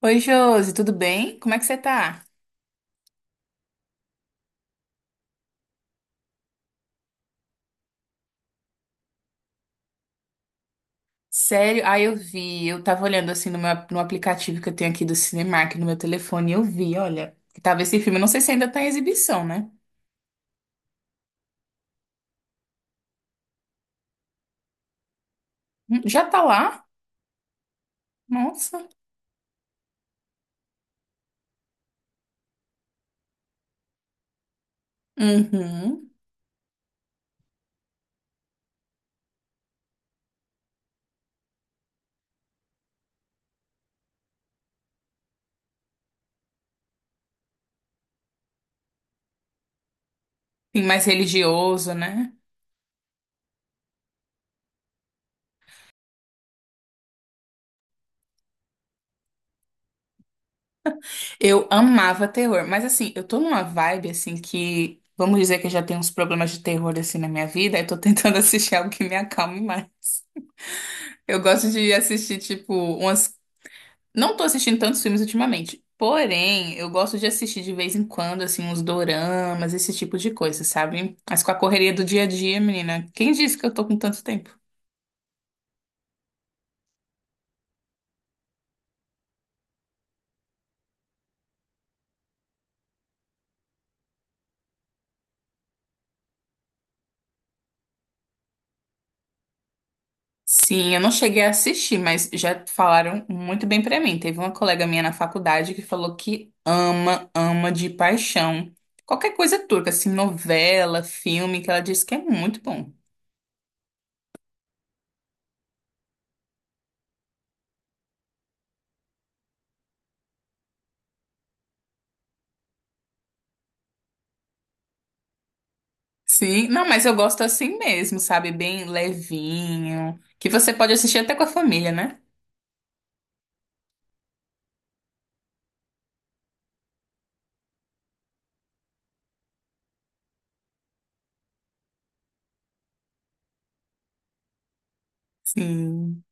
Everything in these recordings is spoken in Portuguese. Oi, Josi, tudo bem? Como é que você tá? Sério? Ah, eu vi. Eu tava olhando assim no aplicativo que eu tenho aqui do Cinemark no meu telefone e eu vi, olha, que tava esse filme. Eu não sei se ainda tá em exibição, né? Já tá lá? Nossa. Uhum. Sim, mais religioso, né? Eu amava terror, mas assim, eu tô numa vibe assim que, vamos dizer que eu já tenho uns problemas de terror assim na minha vida, eu tô tentando assistir algo que me acalme mais. Eu gosto de assistir, tipo, umas. Não tô assistindo tantos filmes ultimamente. Porém, eu gosto de assistir de vez em quando, assim, uns doramas, esse tipo de coisa, sabe? Mas com a correria do dia a dia, menina, quem disse que eu tô com tanto tempo? Sim, eu não cheguei a assistir, mas já falaram muito bem pra mim. Teve uma colega minha na faculdade que falou que ama, ama de paixão. Qualquer coisa turca, assim, novela, filme, que ela disse que é muito bom. Sim, não, mas eu gosto assim mesmo, sabe? Bem levinho, que você pode assistir até com a família, né? Sim.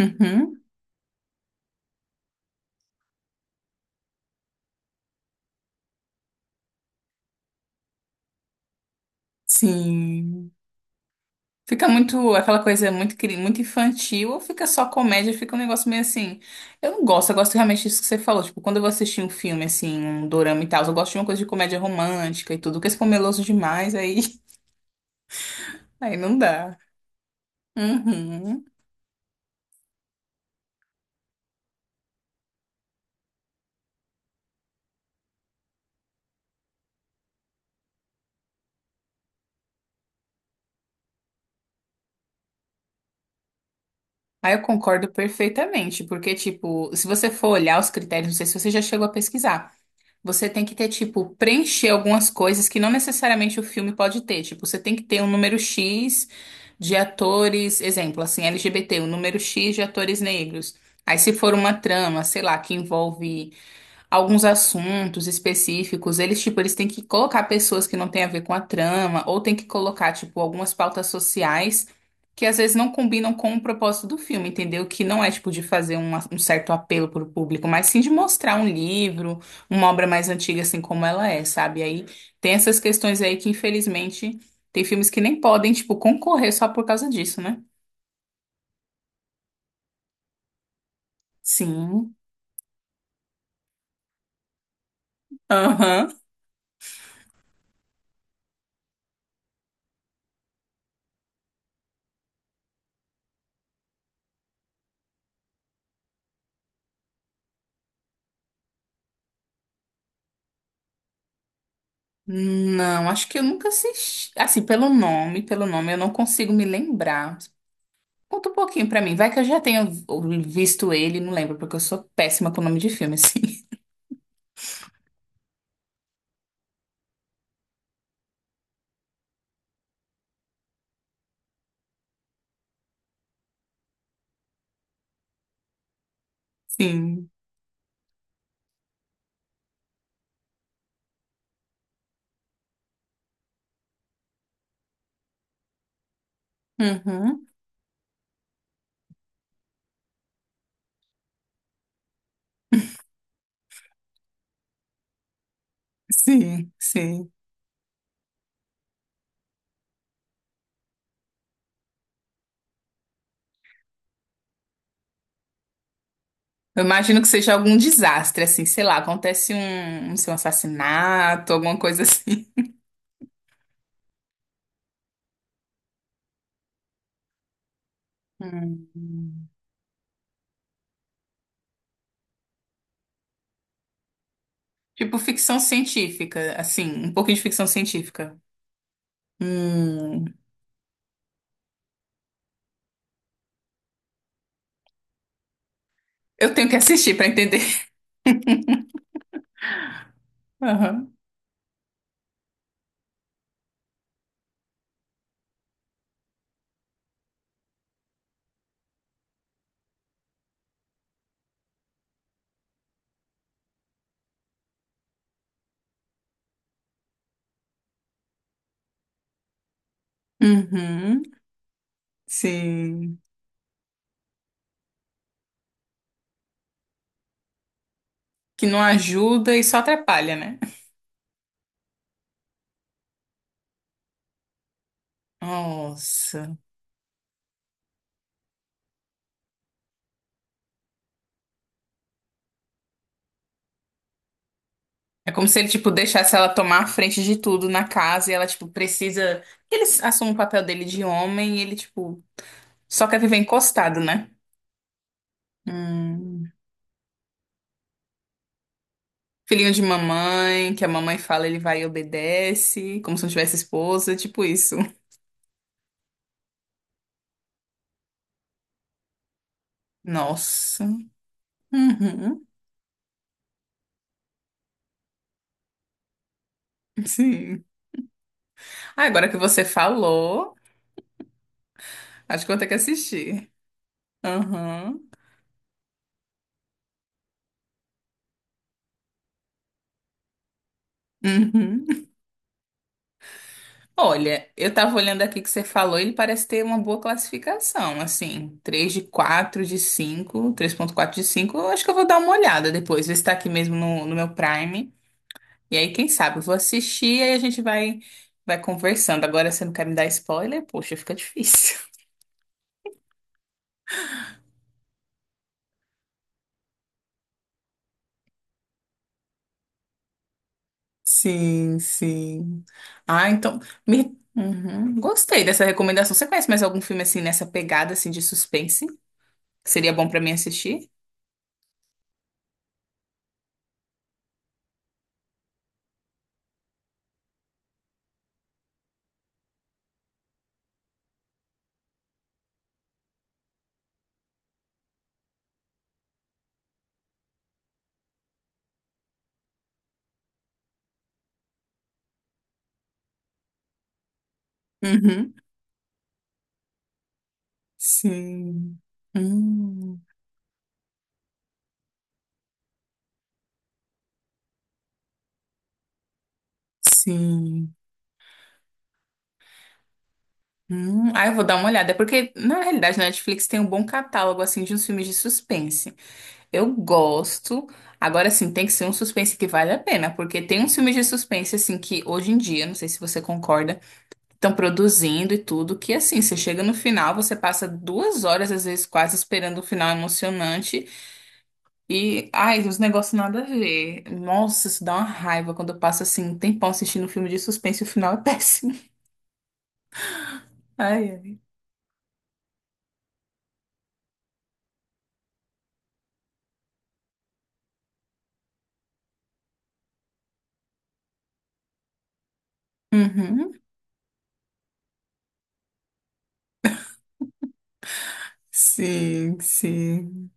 Uhum. Sim. Fica muito aquela coisa muito, muito infantil, ou fica só comédia, fica um negócio meio assim. Eu não gosto, eu gosto realmente disso que você falou. Tipo, quando eu vou assistir um filme, assim, um dorama e tal, eu gosto de uma coisa de comédia romântica e tudo, porque se for meloso demais, aí, aí não dá. Uhum. Aí eu concordo perfeitamente, porque, tipo, se você for olhar os critérios, não sei se você já chegou a pesquisar. Você tem que ter, tipo, preencher algumas coisas que não necessariamente o filme pode ter. Tipo, você tem que ter um número X de atores, exemplo, assim, LGBT, um número X de atores negros. Aí, se for uma trama, sei lá, que envolve alguns assuntos específicos, eles, tipo, eles têm que colocar pessoas que não têm a ver com a trama, ou têm que colocar, tipo, algumas pautas sociais que às vezes não combinam com o propósito do filme, entendeu? Que não é, tipo, de fazer um certo apelo para o público, mas sim de mostrar um livro, uma obra mais antiga, assim como ela é, sabe? Aí tem essas questões aí que, infelizmente, tem filmes que nem podem, tipo, concorrer só por causa disso, né? Sim. Aham. Não, acho que eu nunca assisti. Assim, pelo nome, eu não consigo me lembrar. Conta um pouquinho pra mim. Vai que eu já tenha visto ele, não lembro, porque eu sou péssima com o nome de filme, assim. Sim. Uhum. Sim, sim. Eu imagino que seja algum desastre, assim, sei lá, acontece um, não sei, um assassinato, alguma coisa assim. Hum. Tipo ficção científica, assim, um pouquinho de ficção científica. Hum. Eu tenho que assistir pra entender. Aham. Uhum. Sim. Que não ajuda e só atrapalha, né? Nossa. É como se ele, tipo, deixasse ela tomar a frente de tudo na casa e ela, tipo, precisa. Ele assume o papel dele de homem e ele, tipo, só quer viver encostado, né? Hum. Filhinho de mamãe, que a mamãe fala, ele vai e obedece, como se não tivesse esposa, tipo isso. Nossa. Uhum. Sim. Ah, agora que você falou, acho que eu vou ter que assistir. Aham. Uhum. Olha, eu tava olhando aqui que você falou, ele parece ter uma boa classificação, assim, 3 de 4, de cinco, 3,4 de 5. Eu acho que eu vou dar uma olhada depois, ver se tá aqui mesmo no meu Prime, e aí quem sabe eu vou assistir, aí a gente vai conversando, agora você não quer me dar spoiler? Poxa, fica difícil. Sim, sim. Ah, então, Uhum, gostei dessa recomendação, você conhece mais algum filme assim, nessa pegada assim de suspense? Seria bom pra mim assistir? Uhum. Sim. Hum, sim. Hum. Ah, eu vou dar uma olhada. É porque, na realidade, na Netflix tem um bom catálogo, assim, de uns filmes de suspense. Eu gosto. Agora, sim, tem que ser um suspense que vale a pena. Porque tem uns filmes de suspense, assim, que hoje em dia, não sei se você concorda, estão produzindo e tudo, que, assim, você chega no final, você passa 2 horas, às vezes, quase esperando o final emocionante. E, ai, os negócios nada a ver. Nossa, isso dá uma raiva quando eu passo assim um tempão assistindo um filme de suspense e o final é péssimo. Ai, ai. Uhum. Sim, sim,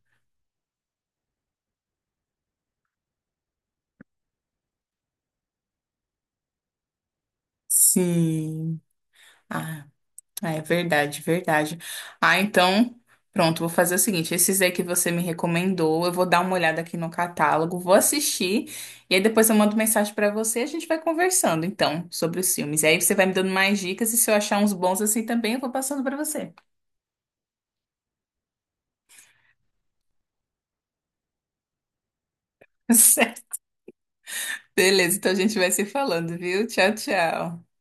sim. Ah, é verdade, verdade. Ah, então, pronto, vou fazer o seguinte: esses aí que você me recomendou, eu vou dar uma olhada aqui no catálogo, vou assistir, e aí depois eu mando mensagem pra você e a gente vai conversando, então, sobre os filmes. E aí você vai me dando mais dicas, e se eu achar uns bons assim também, eu vou passando pra você. Beleza, então a gente vai se falando, viu? Tchau, tchau.